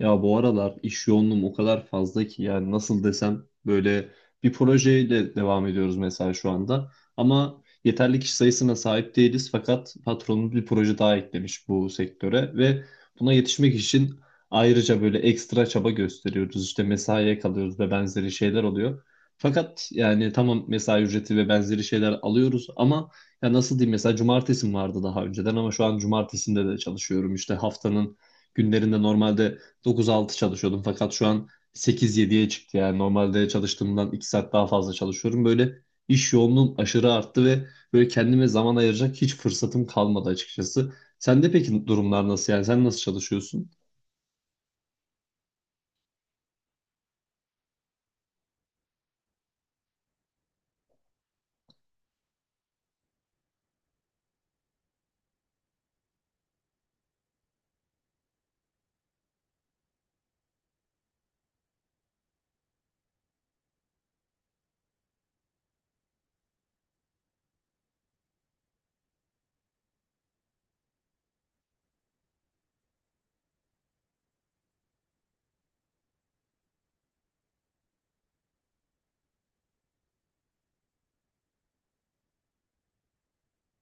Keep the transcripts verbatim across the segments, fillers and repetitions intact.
Ya bu aralar iş yoğunluğum o kadar fazla ki yani nasıl desem böyle bir projeyle devam ediyoruz mesela şu anda. Ama yeterli kişi sayısına sahip değiliz fakat patronumuz bir proje daha eklemiş bu sektöre ve buna yetişmek için ayrıca böyle ekstra çaba gösteriyoruz. İşte mesaiye kalıyoruz ve benzeri şeyler oluyor. Fakat yani tamam mesai ücreti ve benzeri şeyler alıyoruz ama ya nasıl diyeyim mesela cumartesim vardı daha önceden ama şu an cumartesinde de çalışıyorum. İşte haftanın günlerinde normalde dokuz altı çalışıyordum fakat şu an sekiz yediye çıktı yani normalde çalıştığımdan iki saat daha fazla çalışıyorum. Böyle iş yoğunluğum aşırı arttı ve böyle kendime zaman ayıracak hiç fırsatım kalmadı açıkçası. Sende peki durumlar nasıl, yani sen nasıl çalışıyorsun?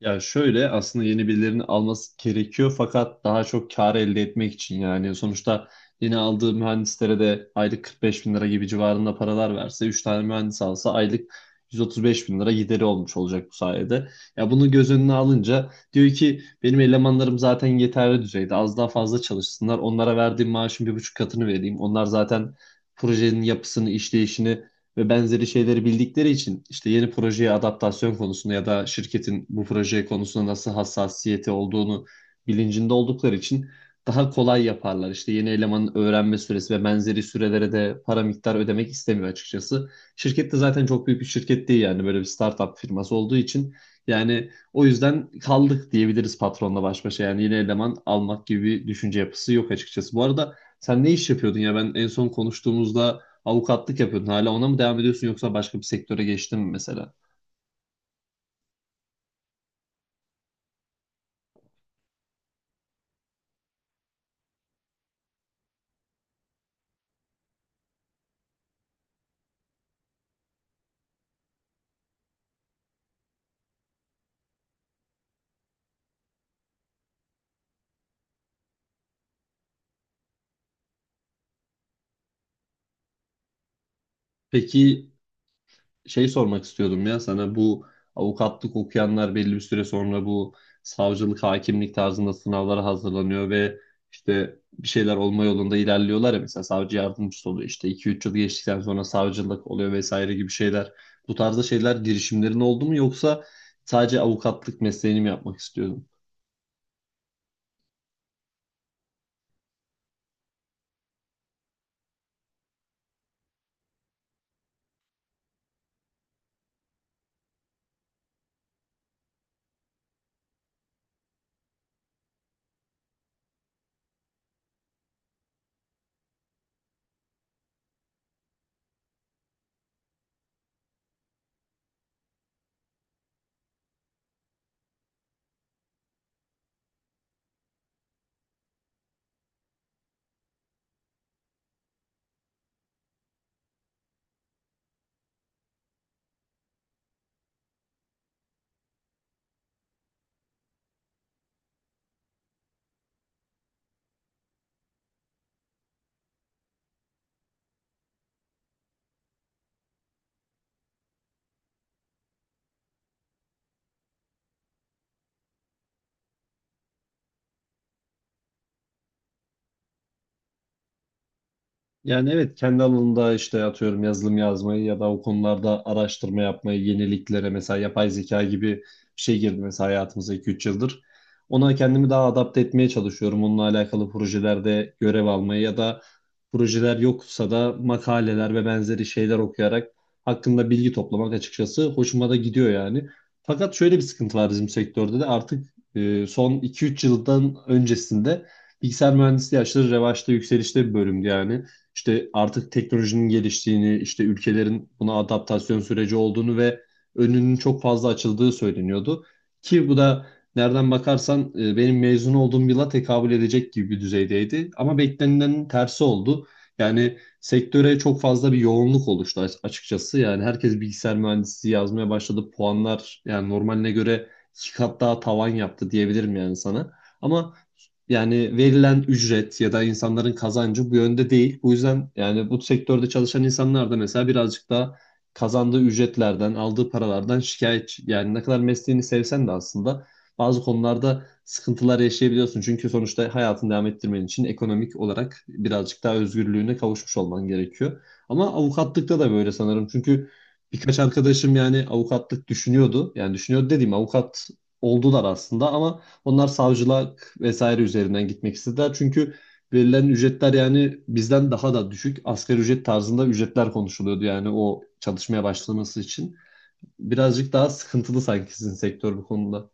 Ya şöyle, aslında yeni birilerini alması gerekiyor fakat daha çok kar elde etmek için yani sonuçta yeni aldığı mühendislere de aylık kırk beş bin lira gibi civarında paralar verse, üç tane mühendis alsa aylık yüz otuz beş bin lira gideri olmuş olacak bu sayede. Ya bunu göz önüne alınca diyor ki benim elemanlarım zaten yeterli düzeyde, az daha fazla çalışsınlar, onlara verdiğim maaşın bir buçuk katını vereyim, onlar zaten projenin yapısını, işleyişini ve benzeri şeyleri bildikleri için, işte yeni projeye adaptasyon konusunda ya da şirketin bu proje konusunda nasıl hassasiyeti olduğunu bilincinde oldukları için daha kolay yaparlar. İşte yeni elemanın öğrenme süresi ve benzeri sürelere de para miktar ödemek istemiyor açıkçası. Şirket de zaten çok büyük bir şirket değil, yani böyle bir startup firması olduğu için yani o yüzden kaldık diyebiliriz patronla baş başa. Yani yeni eleman almak gibi bir düşünce yapısı yok açıkçası. Bu arada sen ne iş yapıyordun ya, ben en son konuştuğumuzda avukatlık yapıyordun. Hala ona mı devam ediyorsun yoksa başka bir sektöre geçtin mi mesela? Peki şey sormak istiyordum ya sana, bu avukatlık okuyanlar belli bir süre sonra bu savcılık, hakimlik tarzında sınavlara hazırlanıyor ve işte bir şeyler olma yolunda ilerliyorlar ya, mesela savcı yardımcısı oluyor, işte iki üç yıl geçtikten sonra savcılık oluyor vesaire gibi şeyler. Bu tarzda şeyler, girişimlerin oldu mu yoksa sadece avukatlık mesleğini mi yapmak istiyordun? Yani evet, kendi alanında işte atıyorum yazılım yazmayı ya da o konularda araştırma yapmayı, yeniliklere, mesela yapay zeka gibi bir şey girdi mesela hayatımıza iki üç yıldır. Ona kendimi daha adapte etmeye çalışıyorum. Onunla alakalı projelerde görev almayı ya da projeler yoksa da makaleler ve benzeri şeyler okuyarak hakkında bilgi toplamak açıkçası hoşuma da gidiyor yani. Fakat şöyle bir sıkıntı var bizim sektörde de artık, e, son iki üç yıldan öncesinde bilgisayar mühendisliği aşırı revaçta, yükselişte bir bölümdü yani, işte artık teknolojinin geliştiğini, işte ülkelerin buna adaptasyon süreci olduğunu ve önünün çok fazla açıldığı söyleniyordu. Ki bu da nereden bakarsan e, benim mezun olduğum yıla tekabül edecek gibi bir düzeydeydi. Ama beklenenin tersi oldu. Yani sektöre çok fazla bir yoğunluk oluştu as- açıkçası. Yani herkes bilgisayar mühendisliği yazmaya başladı. Puanlar yani normaline göre iki kat daha tavan yaptı diyebilirim yani sana. Ama yani verilen ücret ya da insanların kazancı bu yönde değil. Bu yüzden yani bu sektörde çalışan insanlar da mesela birazcık da kazandığı ücretlerden, aldığı paralardan şikayetçi. Yani ne kadar mesleğini sevsen de aslında bazı konularda sıkıntılar yaşayabiliyorsun. Çünkü sonuçta hayatını devam ettirmen için ekonomik olarak birazcık daha özgürlüğüne kavuşmuş olman gerekiyor. Ama avukatlıkta da böyle sanırım. Çünkü birkaç arkadaşım yani avukatlık düşünüyordu. Yani düşünüyordu dediğim, avukat oldular aslında ama onlar savcılık vesaire üzerinden gitmek istediler. Çünkü verilen ücretler yani bizden daha da düşük. Asgari ücret tarzında ücretler konuşuluyordu yani o çalışmaya başlaması için. Birazcık daha sıkıntılı sanki sizin sektör bu konuda.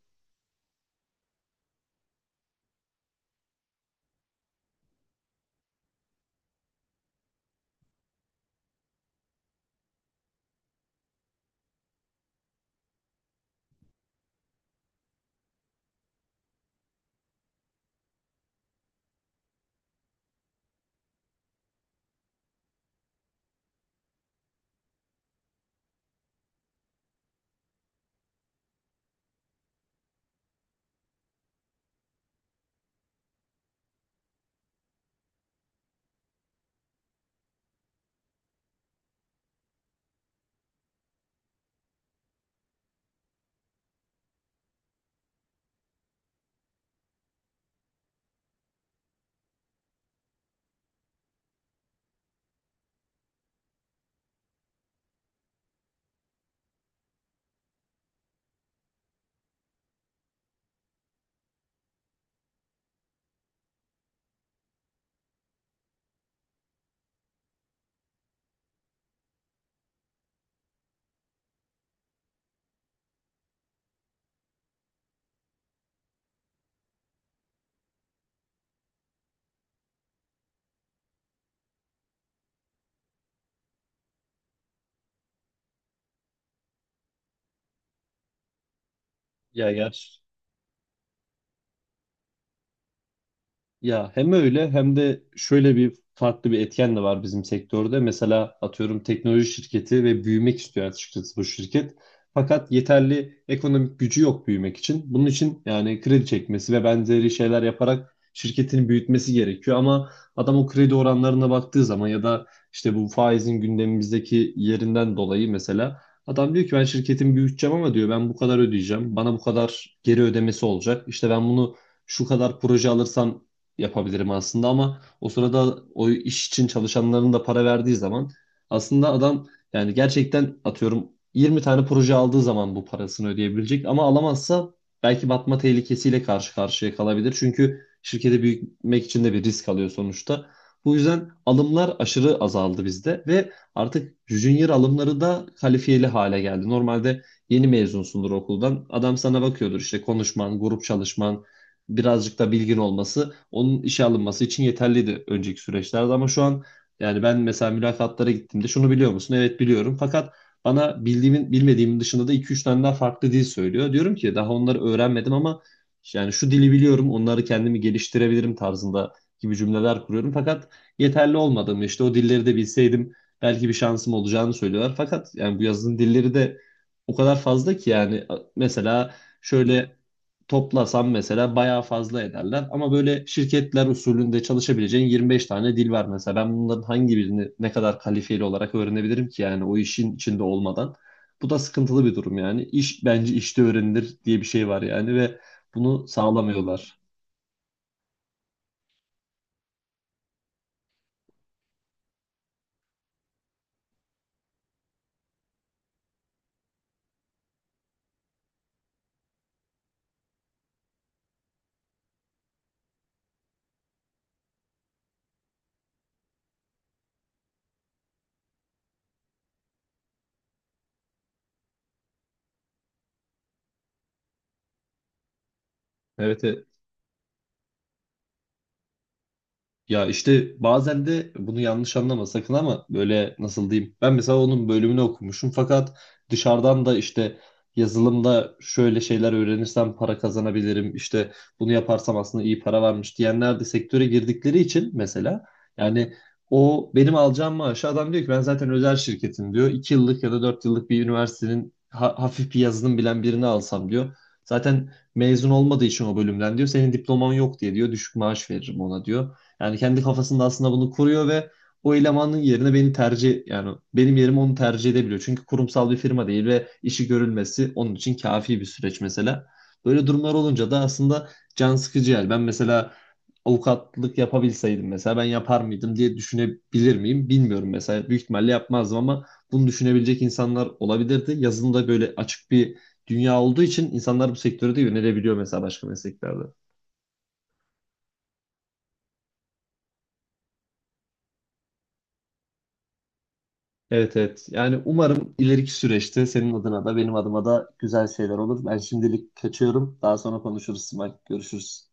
Ya ger Ya hem öyle hem de şöyle bir farklı bir etken de var bizim sektörde. Mesela atıyorum teknoloji şirketi ve büyümek istiyor açıkçası bu şirket. Fakat yeterli ekonomik gücü yok büyümek için. Bunun için yani kredi çekmesi ve benzeri şeyler yaparak şirketini büyütmesi gerekiyor. Ama adam o kredi oranlarına baktığı zaman ya da işte bu faizin gündemimizdeki yerinden dolayı mesela adam diyor ki ben şirketimi büyüteceğim ama diyor, ben bu kadar ödeyeceğim. Bana bu kadar geri ödemesi olacak. İşte ben bunu şu kadar proje alırsam yapabilirim aslında ama o sırada o iş için çalışanların da para verdiği zaman aslında adam, yani gerçekten atıyorum yirmi tane proje aldığı zaman bu parasını ödeyebilecek ama alamazsa belki batma tehlikesiyle karşı karşıya kalabilir. Çünkü şirketi büyütmek için de bir risk alıyor sonuçta. Bu yüzden alımlar aşırı azaldı bizde ve artık junior alımları da kalifiyeli hale geldi. Normalde yeni mezunsundur okuldan. Adam sana bakıyordur, işte konuşman, grup çalışman, birazcık da bilgin olması onun işe alınması için yeterliydi önceki süreçlerde ama şu an, yani ben mesela mülakatlara gittiğimde şunu biliyor musun? Evet biliyorum. Fakat bana bildiğimin bilmediğimin dışında da iki üç tane daha farklı dil söylüyor. Diyorum ki daha onları öğrenmedim ama yani şu dili biliyorum, onları kendimi geliştirebilirim tarzında gibi cümleler kuruyorum. Fakat yeterli olmadığımı, işte o dilleri de bilseydim belki bir şansım olacağını söylüyorlar. Fakat yani bu yazılım dilleri de o kadar fazla ki yani a- mesela şöyle toplasam mesela bayağı fazla ederler. Ama böyle şirketler usulünde çalışabileceğin yirmi beş tane dil var mesela. Ben bunların hangi birini ne kadar kalifiyeli olarak öğrenebilirim ki yani o işin içinde olmadan. Bu da sıkıntılı bir durum yani. İş bence işte öğrenilir diye bir şey var yani ve bunu sağlamıyorlar. Evet, evet. Ya işte bazen de, bunu yanlış anlama sakın ama, böyle nasıl diyeyim. Ben mesela onun bölümünü okumuşum fakat dışarıdan da işte yazılımda şöyle şeyler öğrenirsem para kazanabilirim, İşte bunu yaparsam aslında iyi para varmış diyenler de sektöre girdikleri için mesela, yani o benim alacağım maaşı adam diyor ki, ben zaten özel şirketim diyor. İki yıllık ya da dört yıllık bir üniversitenin ha- hafif bir yazılım bilen birini alsam diyor. Zaten mezun olmadığı için o bölümden diyor. Senin diploman yok diye diyor. Düşük maaş veririm ona diyor. Yani kendi kafasında aslında bunu kuruyor ve o elemanın yerine beni tercih yani benim yerime onu tercih edebiliyor. Çünkü kurumsal bir firma değil ve işi görülmesi onun için kafi bir süreç mesela. Böyle durumlar olunca da aslında can sıkıcı yani. Ben mesela avukatlık yapabilseydim mesela, ben yapar mıydım diye düşünebilir miyim bilmiyorum mesela. Büyük ihtimalle yapmazdım ama bunu düşünebilecek insanlar olabilirdi. Yazılımda böyle açık bir dünya olduğu için insanlar bu sektörü de yönelebiliyor mesela başka mesleklerde. Evet evet. Yani umarım ileriki süreçte senin adına da benim adıma da güzel şeyler olur. Ben şimdilik kaçıyorum. Daha sonra konuşuruz. Simay. Görüşürüz.